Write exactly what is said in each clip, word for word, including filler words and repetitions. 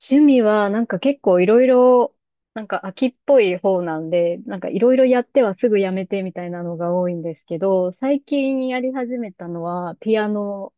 趣味は、なんか結構いろいろ、なんか秋っぽい方なんで、なんかいろいろやってはすぐやめてみたいなのが多いんですけど、最近やり始めたのはピアノ。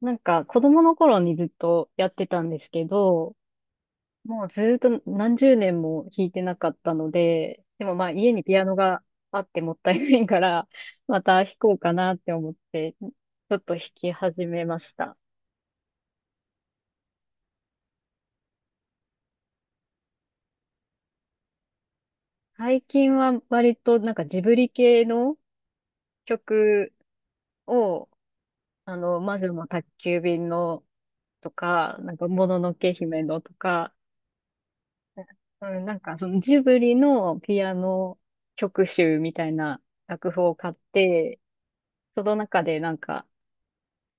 なんか子供の頃にずっとやってたんですけど、もうずっと何十年も弾いてなかったので、でもまあ家にピアノがあってもったいないから、また弾こうかなって思って、ちょっと弾き始めました。最近は割となんかジブリ系の曲を、あの、魔女の宅急便のとか、なんか、もののけ姫のとか、うん、なんか、そのジブリのピアノ曲集みたいな楽譜を買って、その中でなんか、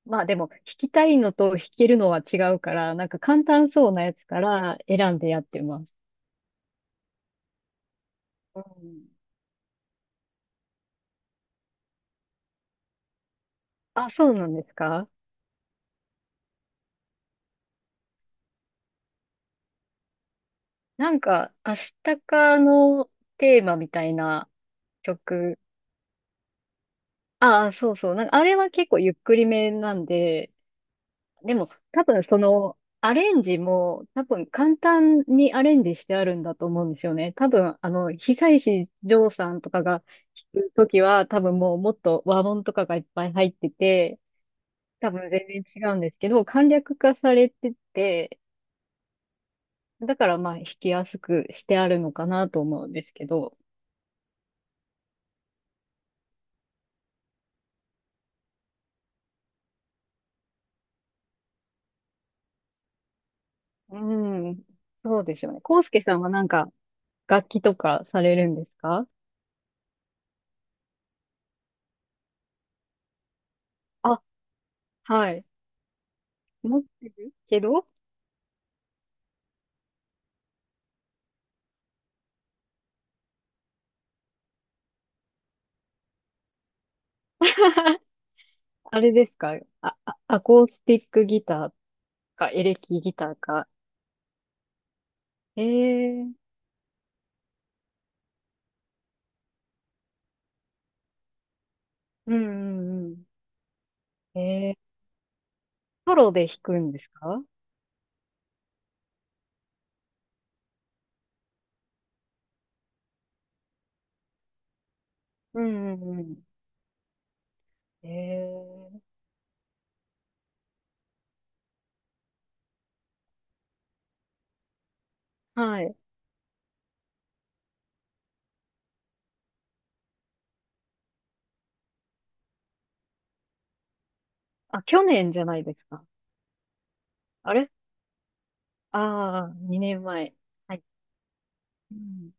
まあでも、弾きたいのと弾けるのは違うから、なんか簡単そうなやつから選んでやってます。うん。あ、そうなんですか？なんか、アシタカのテーマみたいな曲、ああ、そうそう。なんか、あれは結構ゆっくりめなんで、でも、多分その、アレンジも、多分簡単にアレンジしてあるんだと思うんですよね。多分、あの、東石譲さんとかが弾くときは、多分もうもっと和音とかがいっぱい入ってて、多分全然違うんですけど、簡略化されてて、だからまあ弾きやすくしてあるのかなと思うんですけど。うん、そうですよね。康介さんはなんか楽器とかされるんですか？あ、はい。持ってるけど あれですか？あ、あアコースティックギターか、エレキギターか。ええ。うんうんうん。ええ。ソロで弾くんですか？うんうんうん。ええ。はい。あ、去年じゃないですか。あれ？ああー、にねんまえ。はい。うん、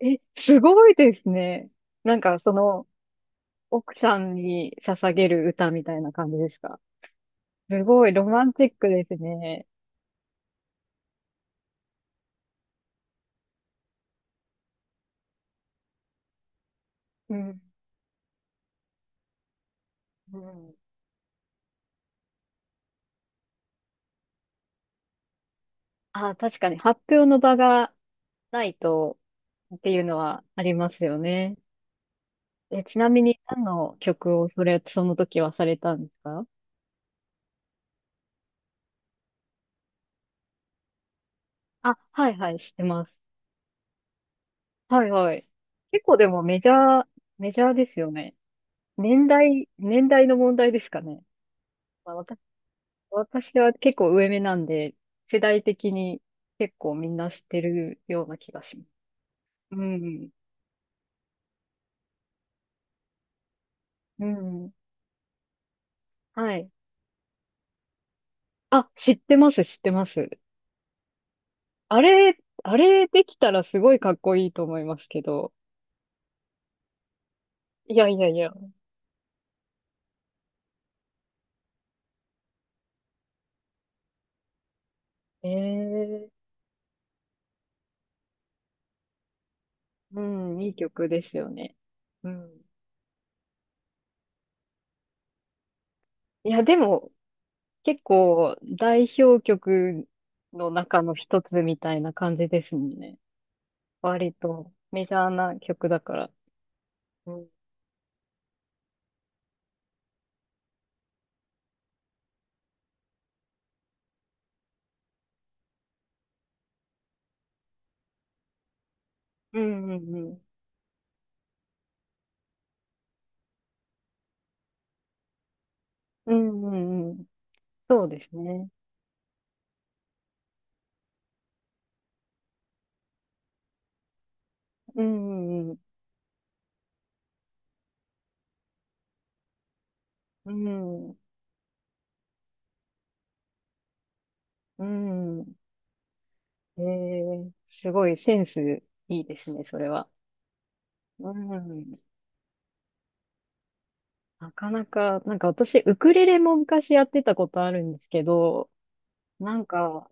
え、すごいですね。なんか、その、奥さんに捧げる歌みたいな感じですか？すごいロマンチックですね。うん。うん。あ、確かに発表の場がないとっていうのはありますよね。え、ちなみに何の曲をそれ、その時はされたんですか？あ、はいはい、知ってます。はいはい。結構でもメジャー、メジャーですよね。年代、年代の問題ですかね。まあ、私、私は結構上目なんで、世代的に結構みんな知ってるような気がします。うん。うん。はい。あ、知ってます、知ってます。あれ、あれできたらすごいかっこいいと思いますけど。いやいやいや。ええ。うん、いい曲ですよね。うん。いや、でも、結構、代表曲の中の一つみたいな感じですもんね。割と、メジャーな曲だから。うん。うんうんうん。うんうんうん。そうですね。うんうんうん。うん。うん。ええ。すごいセンスいいですね、それは。うん。なかなか、なんか私、ウクレレも昔やってたことあるんですけど、なんか、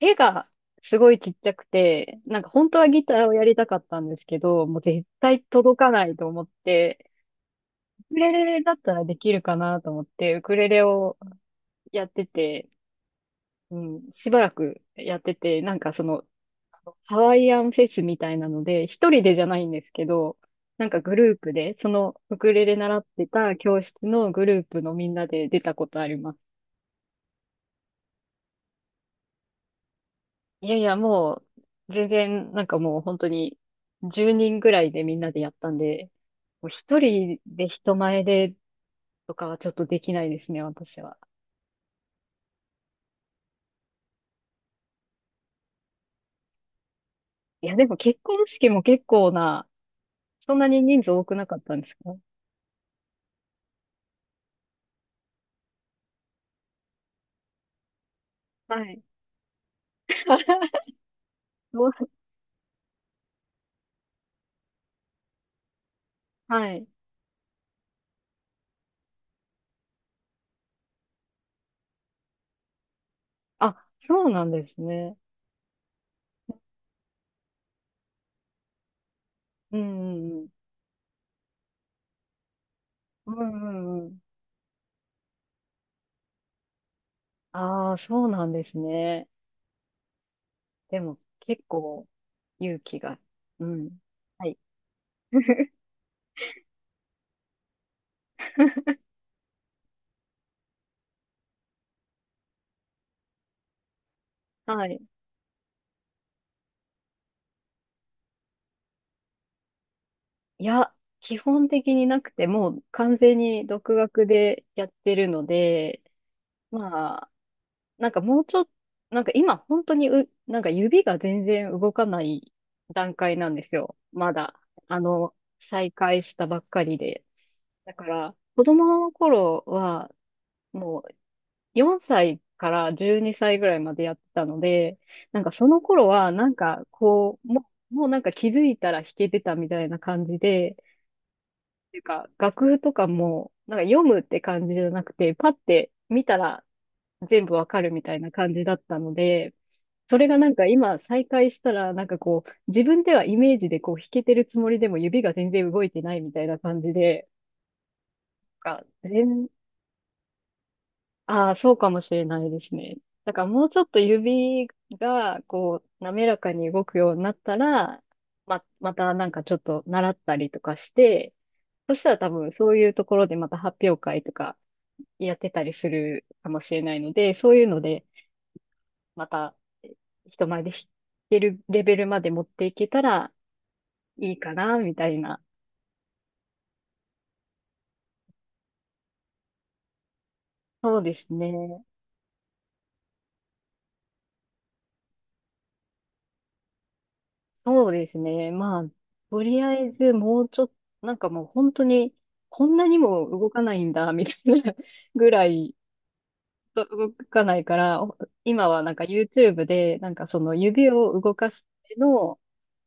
絵がすごいちっちゃくて、なんか本当はギターをやりたかったんですけど、もう絶対届かないと思って、ウクレレだったらできるかなと思って、ウクレレをやってて、うん、しばらくやってて、なんかその、ハワイアンフェスみたいなので、一人でじゃないんですけど、なんかグループで、そのウクレレ習ってた教室のグループのみんなで出たことあります。いやいや、もう、全然、なんかもう本当に、じゅうにんぐらいでみんなでやったんで、もう一人で人前でとかはちょっとできないですね、私は。いや、でも結婚式も結構な、そんなに人数多くなかったんですか？はい。どう。はい。あ、そうなんですね。うんうんうん。うんうんうん。ああ、そうなんですね。でも結構勇気が。うん。はい。はい。いや、基本的になくて、もう完全に独学でやってるので、まあ、なんかもうちょっと、なんか今本当にう、なんか指が全然動かない段階なんですよ。まだ。あの、再開したばっかりで。だから、子供の頃は、もうよんさいからじゅうにさいぐらいまでやってたので、なんかその頃は、なんかこう、もう、もうなんか気づいたら弾けてたみたいな感じで、ていうか、楽譜とかも、なんか読むって感じじゃなくて、パって見たら全部わかるみたいな感じだったので、それがなんか今再開したら、なんかこう、自分ではイメージでこう弾けてるつもりでも指が全然動いてないみたいな感じで、あ、全、ああ、そうかもしれないですね。だからもうちょっと指がこう、滑らかに動くようになったら、ま、またなんかちょっと習ったりとかして、そしたら多分そういうところでまた発表会とかやってたりするかもしれないので、そういうので、また人前で弾けるレベルまで持っていけたらいいかな、みたいな。そうですね。そうですね。まあ、とりあえずもうちょっと、なんかもう本当に、こんなにも動かないんだ、みたいな ぐらい動かないから、お今はなんか ユーチューブ で、なんかその指を動かすための、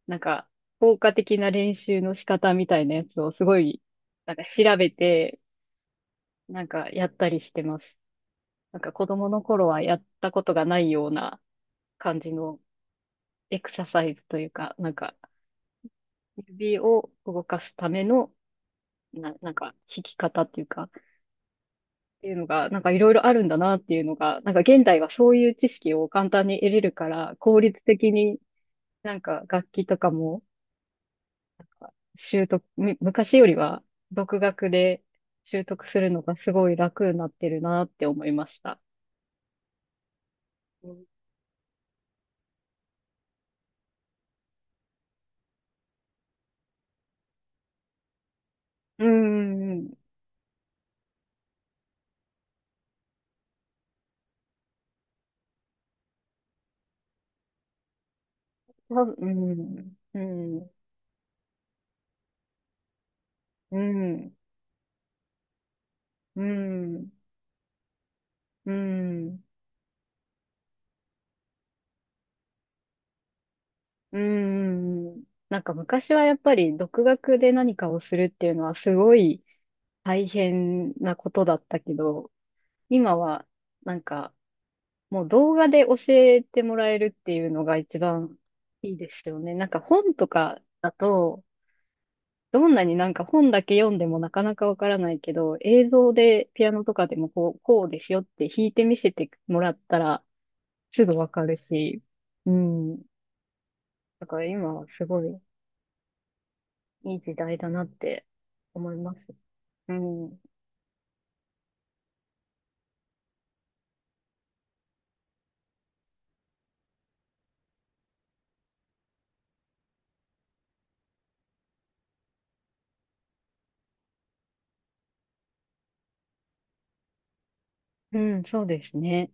なんか効果的な練習の仕方みたいなやつをすごい、なんか調べて、なんかやったりしてます。なんか子供の頃はやったことがないような感じのエクササイズというか、なんか指を動かすための、な、なんか弾き方っていうか、っていうのが、なんかいろいろあるんだなっていうのが、なんか現代はそういう知識を簡単に得れるから、効率的になんか楽器とかも習得、む昔よりは独学で習得するのがすごい楽になってるなって思いました。うんうんうんうん。多分。うん、うん、うん、うん、うん。なんか昔はやっぱり独学で何かをするっていうのはすごい大変なことだったけど、今はなんかもう動画で教えてもらえるっていうのが一番いいですよね。なんか本とかだと、どんなになんか本だけ読んでもなかなかわからないけど、映像でピアノとかでもこう、こうですよって弾いてみせてもらったら、すぐわかるし、うん。だから今はすごいいい時代だなって思います。うん。うん、そうですね。